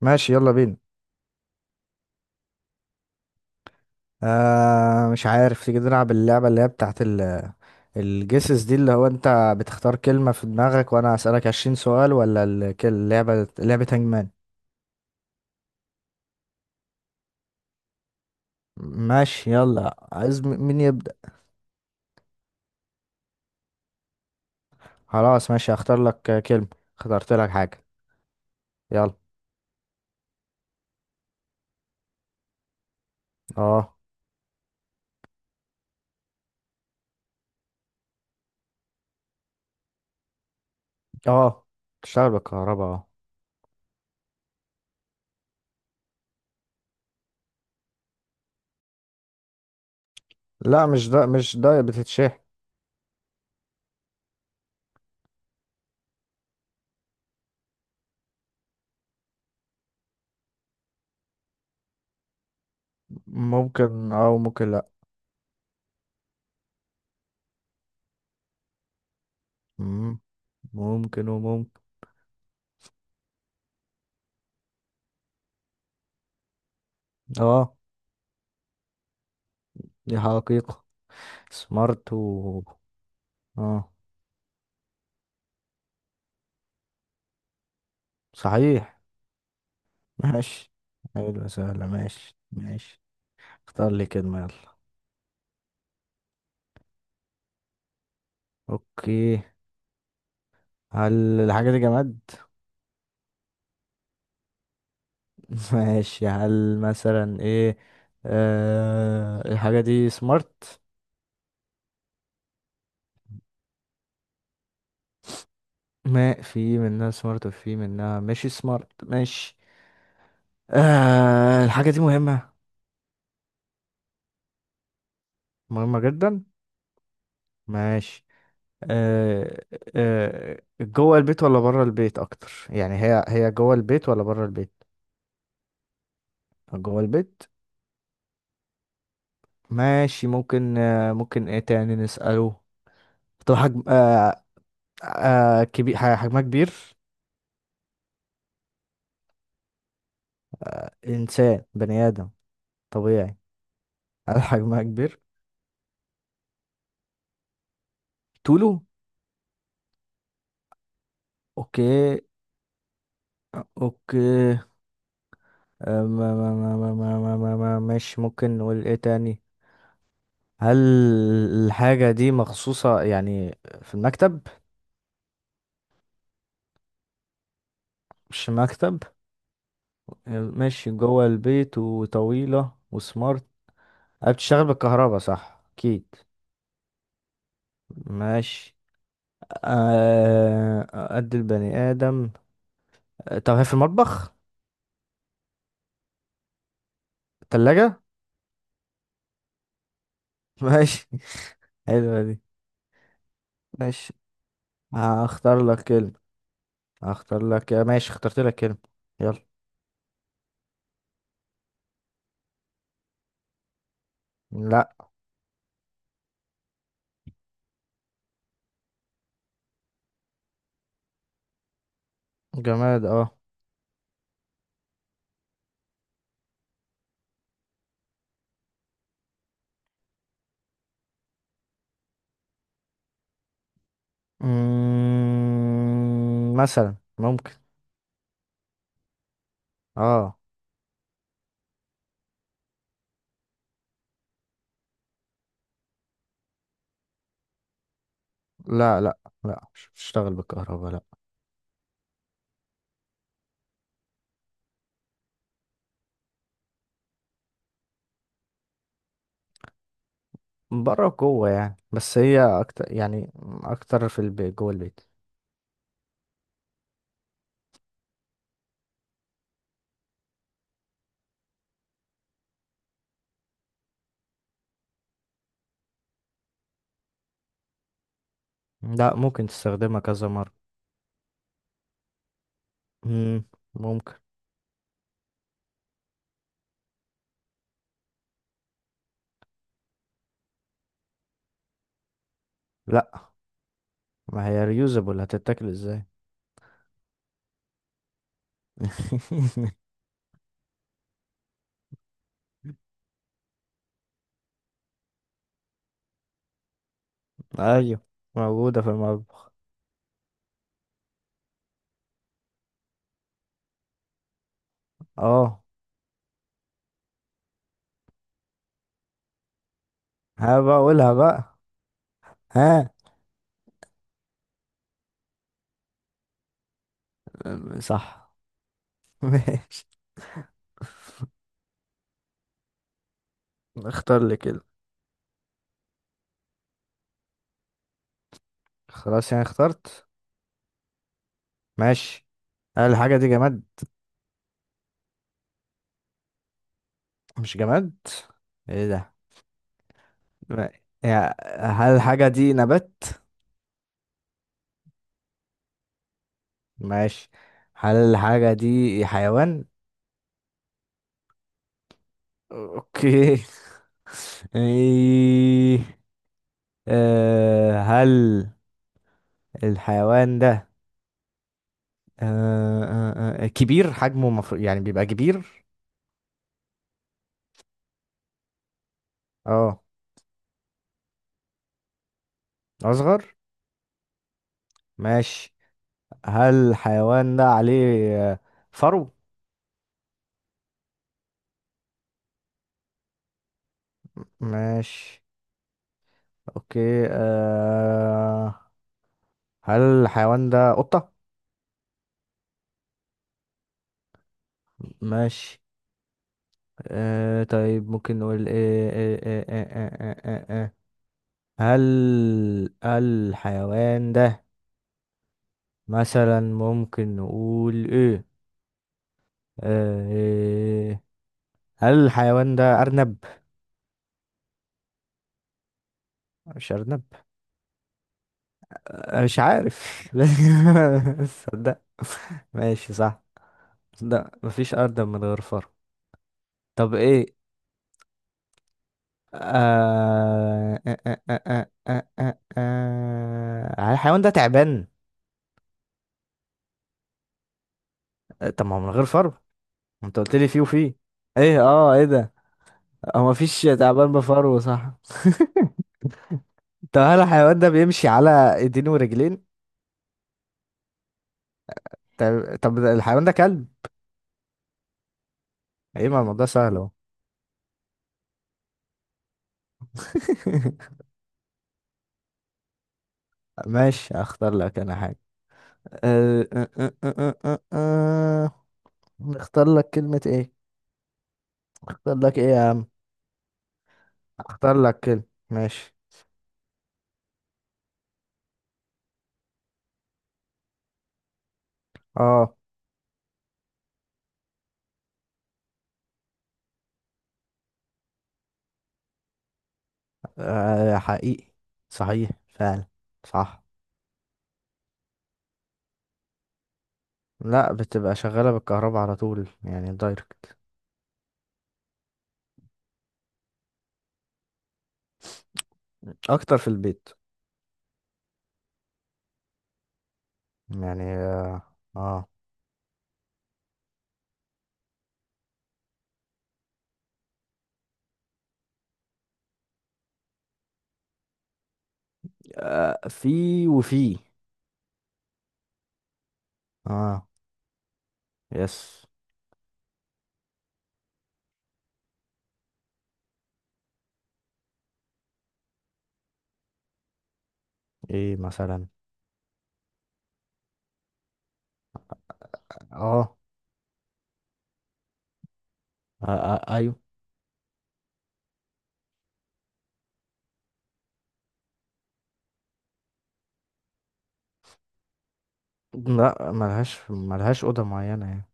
ماشي، يلا بينا. مش عارف تيجي نلعب اللعبة اللي هي بتاعت الجيسز دي، اللي هو انت بتختار كلمة في دماغك وانا اسألك 20 سؤال، ولا اللعبة لعبة هانجمان. ماشي، يلا. عايز مين يبدأ؟ خلاص، ماشي، هختار لك كلمة. اخترت لك حاجة. يلا. اه. اه، تشتغل بالكهرباء، اه. لا، مش ده بتتشح. ممكن اه، وممكن لا. مم، ممكن وممكن. اه. دي حقيقة سمارت، و اه. صحيح. ماشي. حلو. سهلة، ماشي ماشي. اختار لي كلمة، يلا. اوكي. هل الحاجة دي جماد؟ ماشي. هل مثلا ايه؟ الحاجة دي سمارت؟ ما في منها سمارت وفي منها ماشي سمارت، ماشي. الحاجة دي مهمة؟ مهمة جدا. ماشي. آه جوه البيت ولا بره البيت اكتر؟ يعني هي جوه البيت ولا بره البيت؟ جوه البيت. ماشي. ممكن ممكن ايه تاني نسأله؟ طب حجم. كبير، حجمها كبير؟ انسان، بني ادم طبيعي. هل حجمها كبير؟ طوله. اوكي. اوكي. ما- ماشي. ممكن نقول ايه تاني. هل الحاجة دي مخصوصة يعني في المكتب؟ مش مكتب. ماشي. جوه البيت، وطويلة، وسمارت. بتشتغل بالكهرباء، صح اكيد. ماشي. آه، قد البني آدم. طب هي في المطبخ؟ تلاجة. ماشي. حلوة دي. ماشي. هختار لك كلمة. هختار لك، ماشي، اخترت لك كلمة. يلا. لا. جماد، اه. مثلا ممكن. اه. لا لا. لا، مش بتشتغل بالكهرباء، لا. بره، جوه يعني، بس هي اكتر يعني اكتر في البيت، جوه البيت. لا، ممكن تستخدمها كذا مرة. مم، ممكن. لا، ما هي ريوزابل، هتتاكل ازاي. ايوه، موجودة في المطبخ. اه. ها، بقولها بقى. ها. صح. ماشي. اختار لي كده. خلاص، يعني اخترت. ماشي. هل الحاجة دي جماد؟ مش جماد؟ ايه ده؟ ما- يا- هل الحاجة دي نبات؟ ماشي. هل الحاجة دي حيوان؟ اوكي. ايه؟ هل الحيوان ده، كبير حجمه؟ مفروض يعني بيبقى كبير. اه. اصغر. ماشي. هل الحيوان ده عليه فرو؟ ماشي. اوكي. هل الحيوان ده قطة؟ ماشي. طيب، ممكن نقول ايه إيه. هل الحيوان ده مثلا، ممكن نقول ايه؟ إيه؟ هل الحيوان ده أرنب؟ مش أرنب؟ أنا مش عارف. لا، صدق. ماشي، صح. صدق، مفيش أرض من غير فرع. طب إيه؟ آه... آه... آه... الحيوان ده تعبان؟ طب ما هو من غير فرو، ما انت قلت لي فيه وفيه. ايه ايه ده؟ هو مفيش تعبان بفرو، صح؟ طب هل الحيوان ده بيمشي على ايدين ورجلين؟ طب، الحيوان ده كلب؟ ايه، ما الموضوع سهل اهو. ماشي. اختار لك انا حاجة. أه أه أه أه أه أه. نختار لك كلمة ايه؟ اختار لك ايه يا عم؟ اختار لك كلمة. ماشي. اه. حقيقي، صحيح فعلا، صح. لا، بتبقى شغالة بالكهرباء على طول، يعني دايركت. اكتر في البيت. يعني آه. في وفي. اه. يس. ايه مثلا. اه, آه، ايوه. لا، ملهاش أوضة معينة يعني.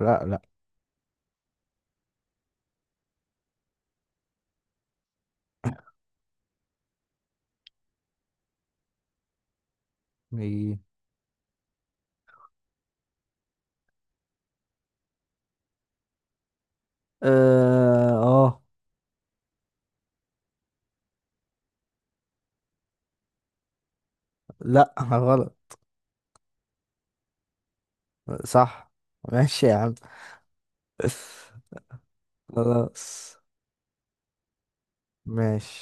لا لا. إيه. اه، لا، غلط. صح. ماشي يا عم. خلاص، ماشي.